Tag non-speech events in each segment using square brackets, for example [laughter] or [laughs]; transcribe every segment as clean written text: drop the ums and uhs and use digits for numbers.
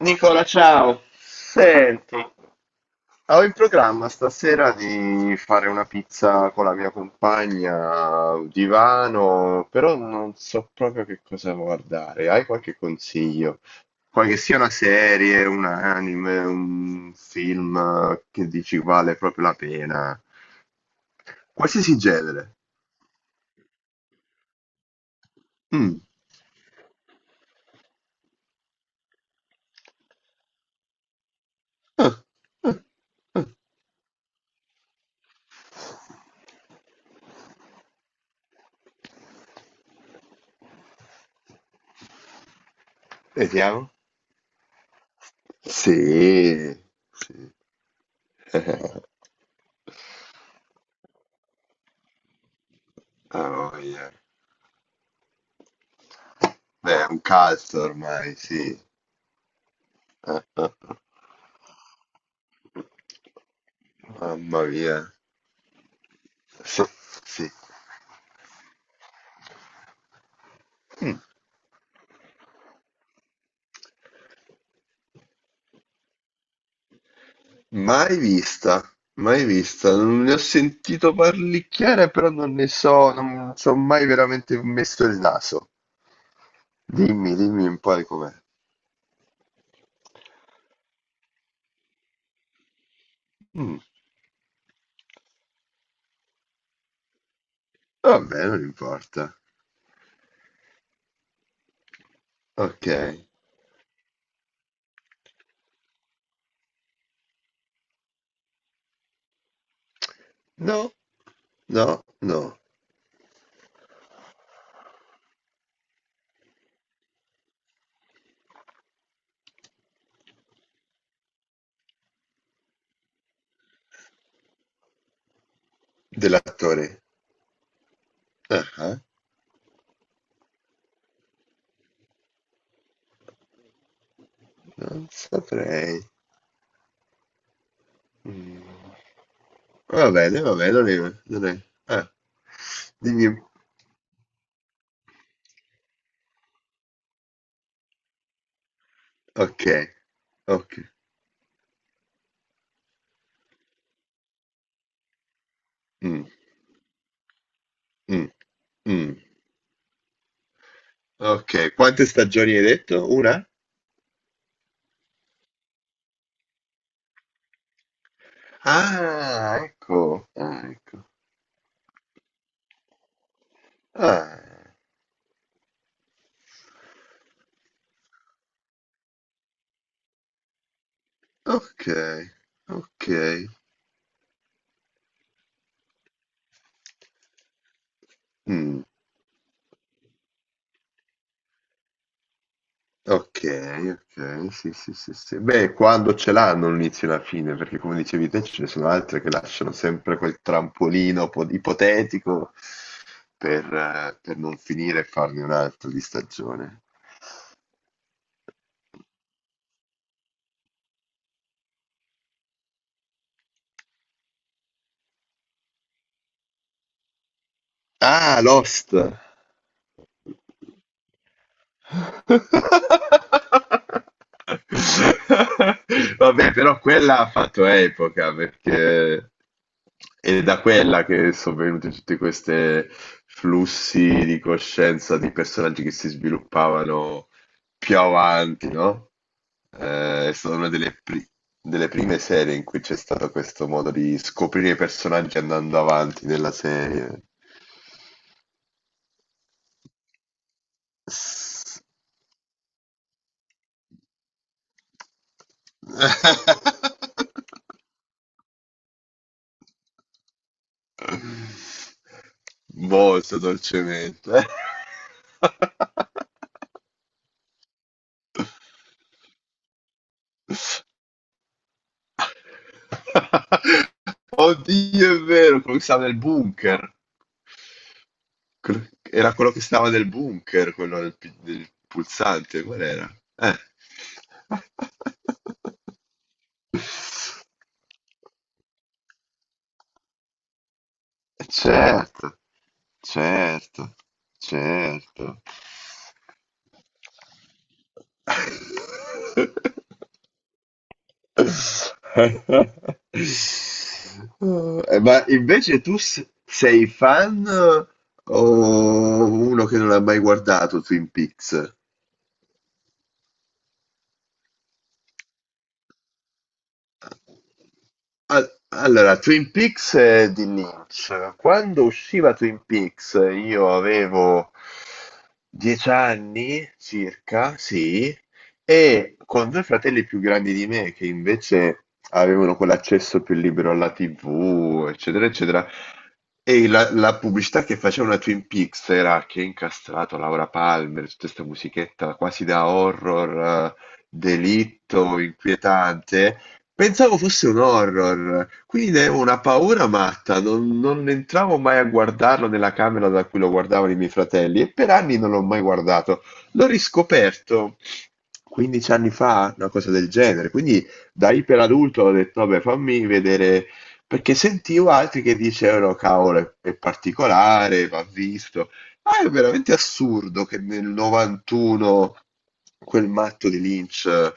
Nicola, ciao. Senti, ho in programma stasera di fare una pizza con la mia compagna, un divano, però non so proprio che cosa guardare. Hai qualche consiglio? Qualche sia una serie, un anime, un film che dici vale proprio la pena? Qualsiasi genere. Mm. Ah, ah. Vediamo. Sì, sì. [laughs] Ah, voglia. Beh, è un cult ormai, sì. Eh, eh, mamma mia. Sì, sì. Mai vista, mai vista. Non ne ho sentito parlicchiare, però non ne so, non ci ho mai veramente messo il naso. Dimmi, dimmi un po' di com'è. Mm, vabbè, non importa. Ok. No, no, no. Dell'attore. Ah, ah, non saprei. Mm. Va bene, non è... Non è... Ah, dimmi... un- Ok, ok. Mm. Mh, mh. Okay, quante stagioni hai detto? 1? Ah, ecco, ah, ecco. Ah, okay, okay. Mh, okay, okay. Sì, sì, sì, sì. Beh, quando ce l'hanno un inizio e una fine, perché come dicevi te ce ne sono altre che lasciano sempre quel trampolino po ipotetico per non finire e farne un altro di stagione. Ah, Lost. [laughs] Vabbè, però quella ha fatto epoca perché è da quella che sono venuti tutti questi flussi di coscienza di personaggi che si sviluppavano più avanti, no? È stata una delle, delle prime serie in cui c'è stato questo modo di scoprire i personaggi andando avanti nella serie. [laughs] Molto dolcemente. Oddio, è vero, quello che stava nel bunker. Era quello che stava nel bunker, quello del, del pulsante, qual era? [laughs] Certo, certo, certo. Eh, ma invece tu sei fan o uno che non ha mai guardato Twin Peaks? Al- Allora, Twin Peaks di Lynch. Quando usciva Twin Peaks, io avevo 10 anni circa, sì, e con due fratelli più grandi di me che invece avevano quell'accesso più libero alla TV, eccetera, eccetera. E la, la pubblicità che facevano a Twin Peaks era che è incastrato Laura Palmer, tutta questa musichetta quasi da horror, delitto, inquietante. Pensavo fosse un horror, quindi ne avevo una paura matta, non, non entravo mai a guardarlo nella camera da cui lo guardavano i miei fratelli e per anni non l'ho mai guardato. L'ho riscoperto 15 anni fa, una cosa del genere, quindi da iperadulto ho detto, vabbè, fammi vedere, perché sentivo altri che dicevano, cavolo, è particolare, va visto. Ah, è veramente assurdo che nel 91 quel matto di Lynch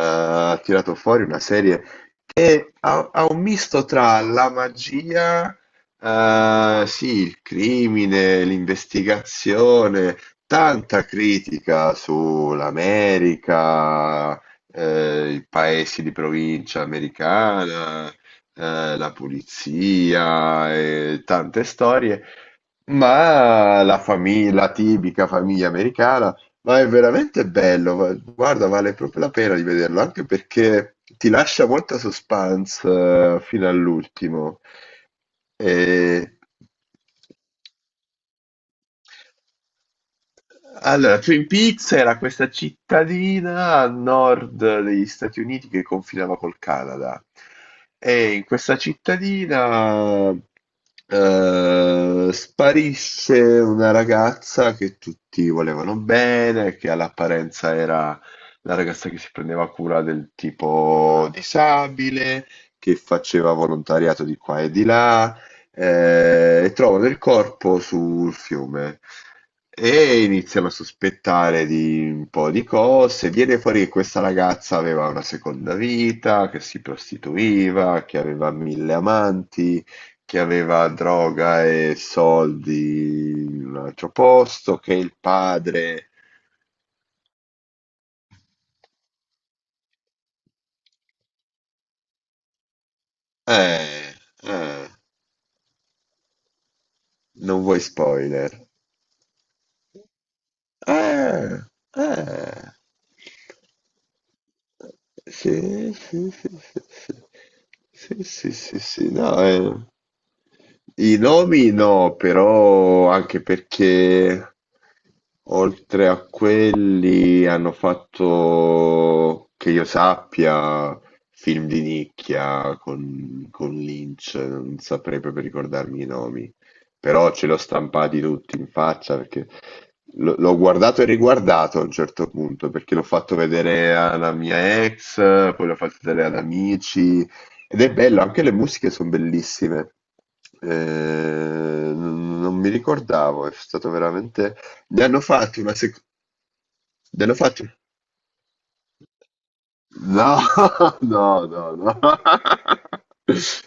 ha tirato fuori una serie che ha, ha un misto tra la magia, sì, il crimine, l'investigazione, tanta critica sull'America, i paesi di provincia americana, la polizia, e tante storie. Ma la famiglia, la tipica famiglia americana, ma è veramente bello, guarda, vale proprio la pena di vederlo, anche perché ti lascia molta suspense fino all'ultimo. E allora, Twin Peaks era questa cittadina a nord degli Stati Uniti che confinava col Canada. E in questa cittadina sparisse una ragazza che tutti volevano bene, che all'apparenza era la ragazza che si prendeva cura del tipo disabile, che faceva volontariato di qua e di là e trovano del corpo sul fiume e iniziano a sospettare di un po' di cose. Viene fuori che questa ragazza aveva una seconda vita, che si prostituiva, che aveva 1000 amanti, che aveva droga e soldi in un altro posto, che il padre... Eh, eh, non vuoi spoiler. Eh, eh. Sì, sì, sì, sì, sì, sì, sì, sì, sì. No, eh. I nomi no, però anche perché oltre a quelli hanno fatto, che io sappia, film di nicchia con Lynch, non saprei proprio ricordarmi i nomi, però ce l'ho stampati tutti in faccia perché l'ho guardato e riguardato a un certo punto, perché l'ho fatto vedere alla mia ex, poi l'ho fatto vedere ad amici. Ed è bello, anche le musiche sono bellissime. Eh, non non mi ricordavo, è stato veramente... Ne hanno fatto una seconda... Ne hanno fatto... No, [laughs] no, no, no. [laughs]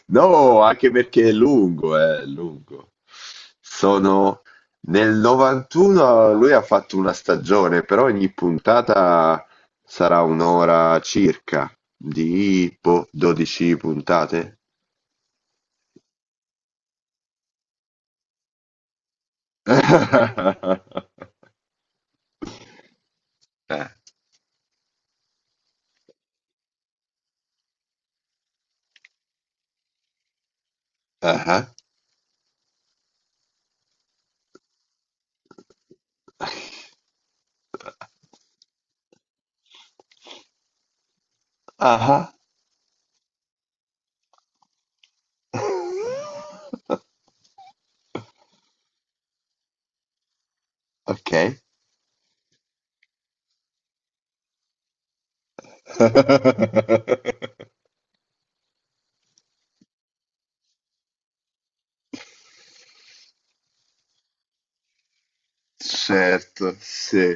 No, anche perché è lungo, è lungo. Sono... Nel 91 lui ha fatto una stagione, però ogni puntata sarà un'ora circa, di boh, 12 puntate. [laughs] Eh, ah ah, ah. [laughs] Ok. [laughs] Certo, sì.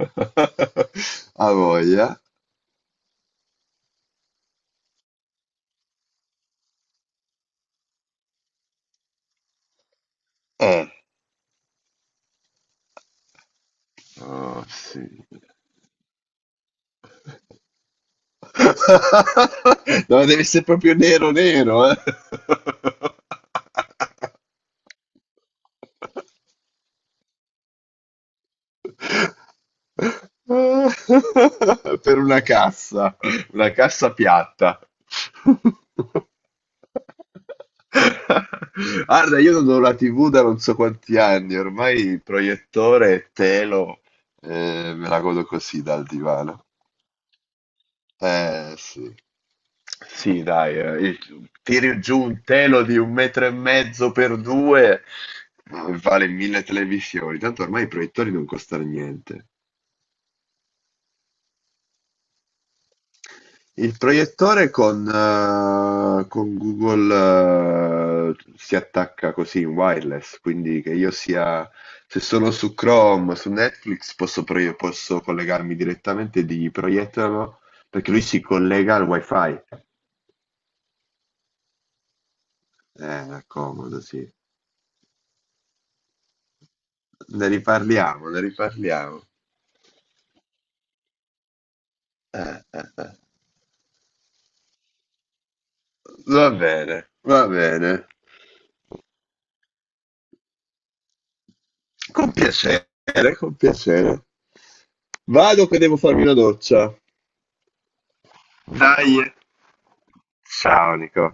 [laughs] A voglia. Eh. Oh, sì. [laughs] No, deve essere proprio nero nero, eh. [laughs] [laughs] Per una cassa piatta. [laughs] Guarda, io non ho la TV da non so quanti anni, ormai il proiettore e telo, me la godo così dal divano. Eh sì. Sì, dai, il- tiri giù un telo di 1,5 metri per due, vale 1000 televisioni. Tanto ormai i proiettori non costano niente. Il proiettore con Google si attacca così in wireless, quindi che io sia, se sono su Chrome, su Netflix, posso, posso collegarmi direttamente e dirgli proiettalo, perché lui si collega al wifi. Comodo, sì. Ne riparliamo, ne riparliamo. Eh. Va bene, va bene. Con piacere, con piacere. Vado che devo farmi una doccia. Dai! Ciao Nico.